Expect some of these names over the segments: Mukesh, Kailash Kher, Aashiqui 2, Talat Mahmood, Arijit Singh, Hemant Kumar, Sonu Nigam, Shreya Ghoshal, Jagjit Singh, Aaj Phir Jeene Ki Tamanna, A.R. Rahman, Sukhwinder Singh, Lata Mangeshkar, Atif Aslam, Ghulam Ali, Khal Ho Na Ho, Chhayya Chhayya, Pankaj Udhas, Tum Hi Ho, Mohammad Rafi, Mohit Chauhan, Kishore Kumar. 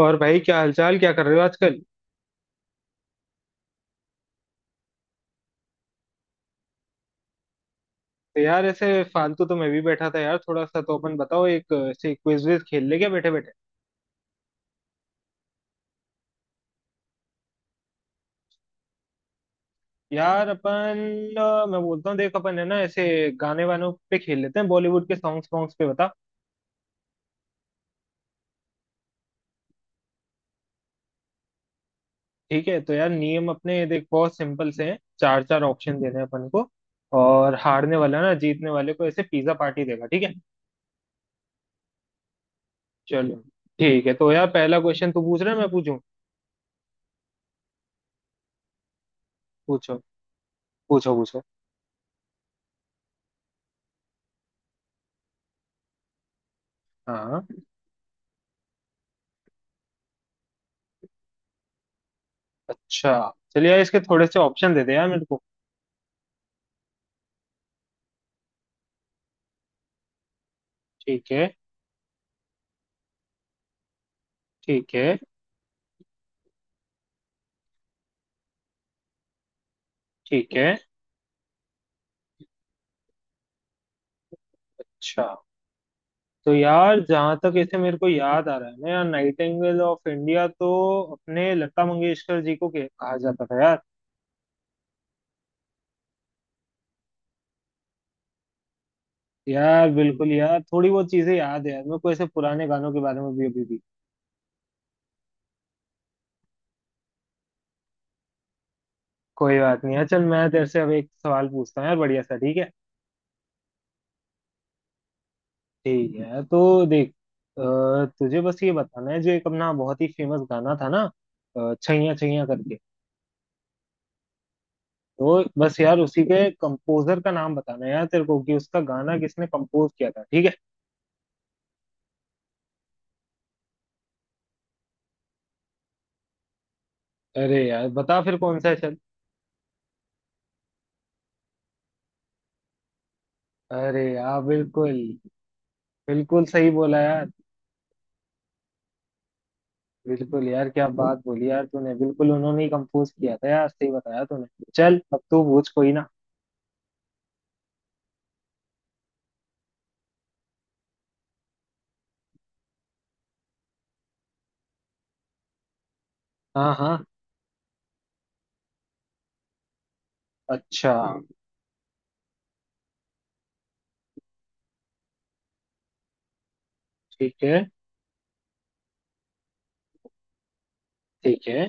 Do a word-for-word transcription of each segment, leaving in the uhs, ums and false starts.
और भाई क्या हालचाल? क्या कर रहे हो आजकल? तो यार ऐसे फालतू तो मैं भी बैठा था यार, थोड़ा सा। तो अपन बताओ, एक ऐसे क्विज विज खेल ले क्या बैठे बैठे। यार अपन अ, मैं बोलता हूँ, देख अपन है ना, ऐसे गाने वानों पे खेल लेते हैं, बॉलीवुड के सॉन्ग्स वॉन्ग्स पे। बता ठीक है? तो यार नियम अपने देख बहुत सिंपल से हैं। चार चार ऑप्शन देने हैं अपन को। और हारने वाला ना जीतने वाले को ऐसे पिज्जा पार्टी देगा, ठीक है? चलो ठीक है। तो यार पहला क्वेश्चन तू पूछ रहा है मैं पूछूं? पूछो, पूछो, पूछो। हाँ। अच्छा, चलिए यार इसके थोड़े से ऑप्शन दे दे यार मेरे को। ठीक है। ठीक है। ठीक है। अच्छा, तो यार जहां तक ऐसे मेरे को याद आ रहा है ना यार, नाइटिंगेल ऑफ इंडिया तो अपने लता मंगेशकर जी को के- कहा जाता था यार। यार बिल्कुल, यार थोड़ी बहुत चीजें याद है यार मेरे को ऐसे पुराने गानों के बारे में भी अभी भी। कोई बात नहीं है, चल मैं तेरे से अब एक सवाल पूछता हूँ यार, बढ़िया सा। ठीक है? ठीक है, तो देख अ, तुझे बस ये बताना है, जो एक अपना बहुत ही फेमस गाना था ना अ, छैया छैया करके, वो बस यार उसी के कंपोजर का नाम बताना है यार तेरे को, कि उसका गाना किसने कंपोज किया था। ठीक है? अरे यार बता फिर, कौन सा है चल। अरे यार बिल्कुल, बिल्कुल सही बोला यार। बिल्कुल यार, क्या बात बोली यार तूने, बिल्कुल उन्होंने ही कंपोज किया था यार, सही बताया तूने। चल अब तू पूछ, कोई ना। हाँ हाँ। अच्छा हाँ। ठीक है। ठीक है।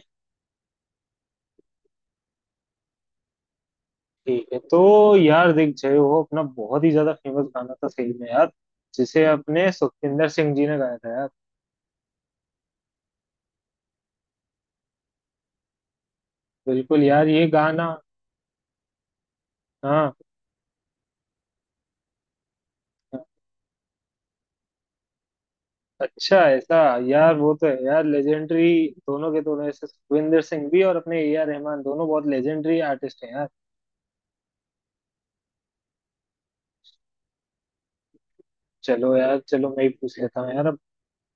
ठीक है। तो यार देख, जय हो अपना बहुत ही ज्यादा फेमस गाना था सही में यार, जिसे अपने सुखविंदर सिंह जी ने गाया था यार। बिल्कुल यार, ये गाना। हाँ। अच्छा ऐसा? यार वो तो है यार लेजेंडरी, दोनों के दोनों ऐसे, सुखविंदर सिंह भी और अपने ए आर रहमान, दोनों बहुत लेजेंडरी आर्टिस्ट हैं यार। चलो यार, चलो मैं ही पूछ लेता हूँ यार अब।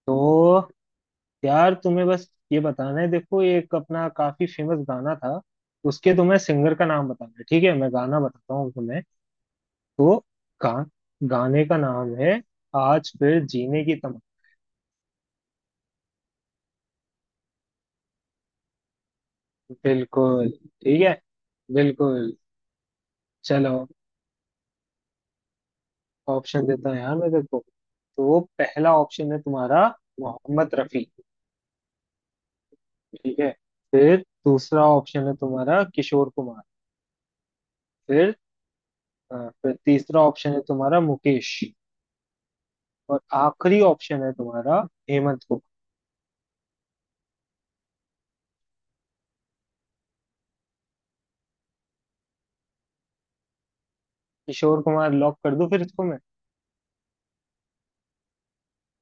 तो यार तुम्हें बस ये बताना है, देखो एक अपना काफी फेमस गाना था, उसके तुम्हें सिंगर का नाम बताना है। ठीक है? मैं गाना बताता हूँ तुम्हें। तो गा, गाने का नाम है, आज फिर जीने की तमन्ना। बिल्कुल ठीक है। बिल्कुल। चलो ऑप्शन देता हूँ यार मैं तेरे को। तो वो पहला ऑप्शन है तुम्हारा, मोहम्मद रफी। ठीक है? फिर दूसरा ऑप्शन है तुम्हारा, किशोर कुमार। फिर अ, फिर तीसरा ऑप्शन है तुम्हारा, मुकेश। और आखिरी ऑप्शन है तुम्हारा, हेमंत को। किशोर कुमार लॉक कर दूं फिर इसको मैं?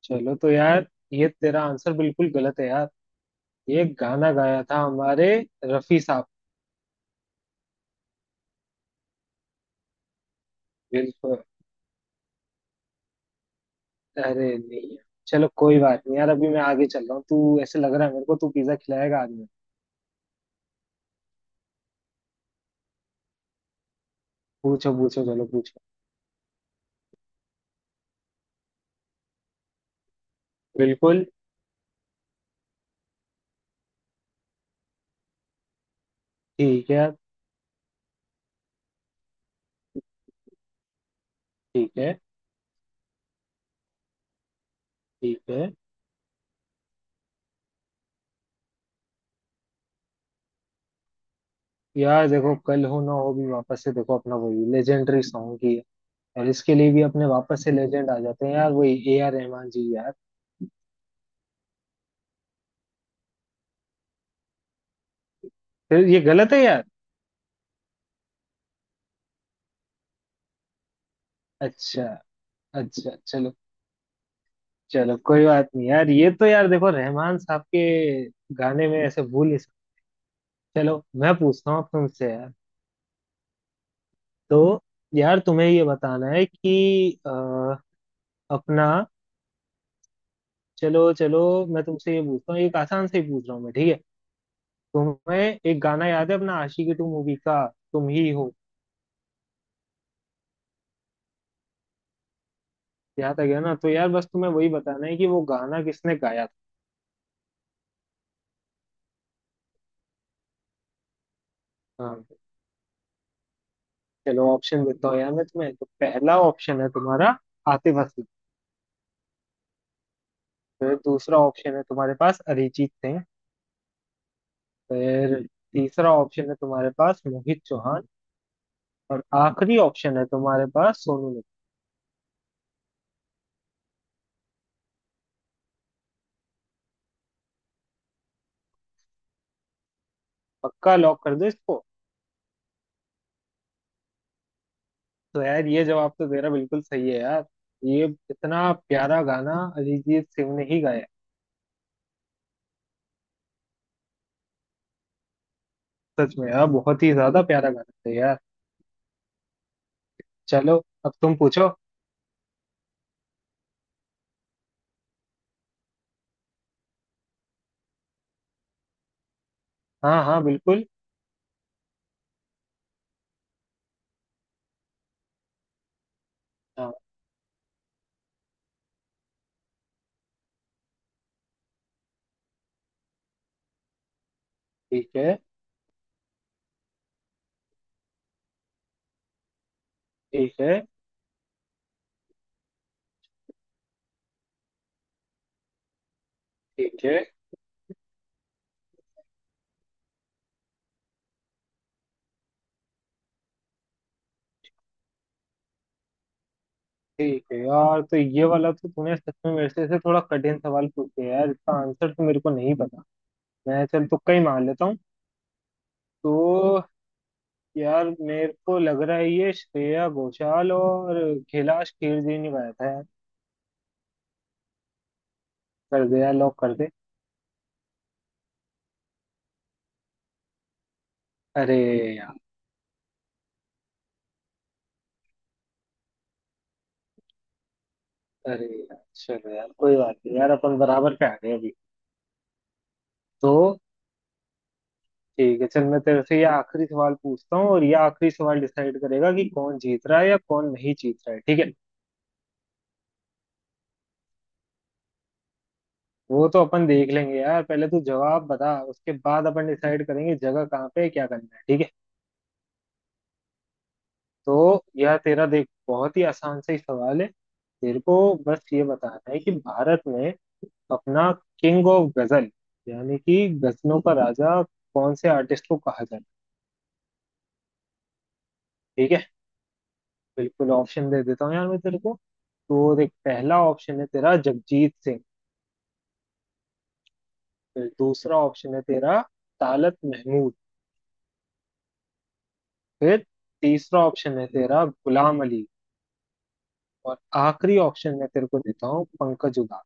चलो, तो यार ये तेरा आंसर बिल्कुल गलत है यार, ये गाना गाया था हमारे रफी साहब। बिल्कुल। अरे नहीं यार। चलो कोई बात नहीं यार, अभी मैं आगे चल रहा हूँ। तू ऐसे लग रहा है मेरे को, तू पिज्जा खिलाएगा आज। पूछो पूछो चलो पूछो। बिल्कुल। ठीक है। ठीक है। ठीक है यार, देखो कल हो ना हो भी वापस से देखो अपना वही लेजेंडरी सॉन्ग ही है, और इसके लिए भी अपने वापस से लेजेंड आ जाते हैं यार, वही ए आर रहमान जी यार। फिर ये गलत है यार? अच्छा। अच्छा चलो, चलो कोई बात नहीं यार, ये तो यार देखो रहमान साहब के गाने में ऐसे भूल नहीं सकते। चलो मैं पूछता हूँ अब तुमसे यार। तो यार तुम्हें ये बताना है कि अ, अपना, चलो चलो मैं तुमसे ये पूछता हूँ, एक आसान से ही पूछ रहा हूँ मैं। ठीक है? तुम्हें एक गाना याद है अपना आशिकी टू मूवी का, तुम ही हो। याद आ गया ना? तो यार बस तुम्हें वही बताना है कि वो गाना किसने गाया था। हाँ चलो ऑप्शन देता हूँ यार मैं तुम्हें। तो पहला ऑप्शन है तुम्हारा, आतिफ असलम। फिर दूसरा ऑप्शन है तुम्हारे पास, अरिजीत सिंह। फिर तीसरा ऑप्शन है तुम्हारे पास, मोहित चौहान। और आखिरी ऑप्शन है तुम्हारे पास, सोनू निगम। पक्का? लॉक कर दो इसको? तो यार ये जवाब तो तेरा बिल्कुल सही है यार, ये इतना प्यारा गाना अरिजीत सिंह ने ही गाया है। सच में यार बहुत ही ज्यादा प्यारा गाना था यार। चलो अब तुम पूछो। हाँ हाँ बिल्कुल। हाँ। ठीक है। ठीक है। ठीक है। ठीक है यार, तो ये वाला तो तूने सच में मेरे से ऐसे थोड़ा कठिन सवाल पूछे यार, इसका आंसर तो मेरे को नहीं पता। मैं चल तुक्का ही मार लेता हूँ। तो यार मेरे को लग रहा है ये श्रेया घोषाल और कैलाश खेर जी ने गाया था यार। कर दे यार, लॉक कर दे। अरे। अरे यार, चलो यार कोई बात नहीं यार, अपन बराबर पे आ गए अभी। तो ठीक है, चल मैं तेरे से ये आखिरी सवाल पूछता हूँ, और ये आखिरी सवाल डिसाइड करेगा कि कौन जीत रहा है या कौन नहीं जीत रहा है। ठीक है? वो तो अपन देख लेंगे यार, पहले तू जवाब बता, उसके बाद अपन डिसाइड करेंगे जगह कहाँ पे है क्या करना है। ठीक है? तो यह तेरा देख बहुत ही आसान सा ही सवाल है। तेरे को बस ये बताना है कि भारत में अपना किंग ऑफ गजल, यानी कि गजलों का राजा, कौन से आर्टिस्ट को कहा जाता है? ठीक है, बिल्कुल ऑप्शन दे देता हूँ यार मैं तेरे को। तो देख पहला ऑप्शन है तेरा, जगजीत सिंह। फिर दूसरा ऑप्शन है तेरा, तालत महमूद। फिर तीसरा ऑप्शन है तेरा, गुलाम अली। और आखिरी ऑप्शन मैं तेरे को देता हूँ, पंकज उधास।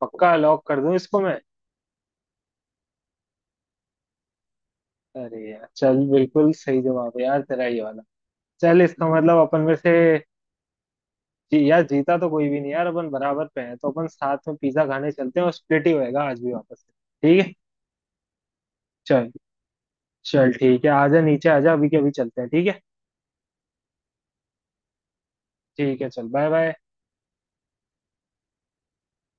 पक्का लॉक कर दूं इसको मैं? अरे यार चल बिल्कुल सही जवाब है यार तेरा ये वाला। चल इसका मतलब अपन में से, जी, यार जीता तो कोई भी नहीं यार, अपन बराबर पे हैं, तो अपन साथ में पिज्जा खाने चलते हैं और स्प्लिट ही होएगा आज भी वापस से। ठीक है? चल। चल ठीक है, आजा नीचे आजा, अभी के अभी चलते हैं, ठीक है? ठीक है, चल बाय बाय।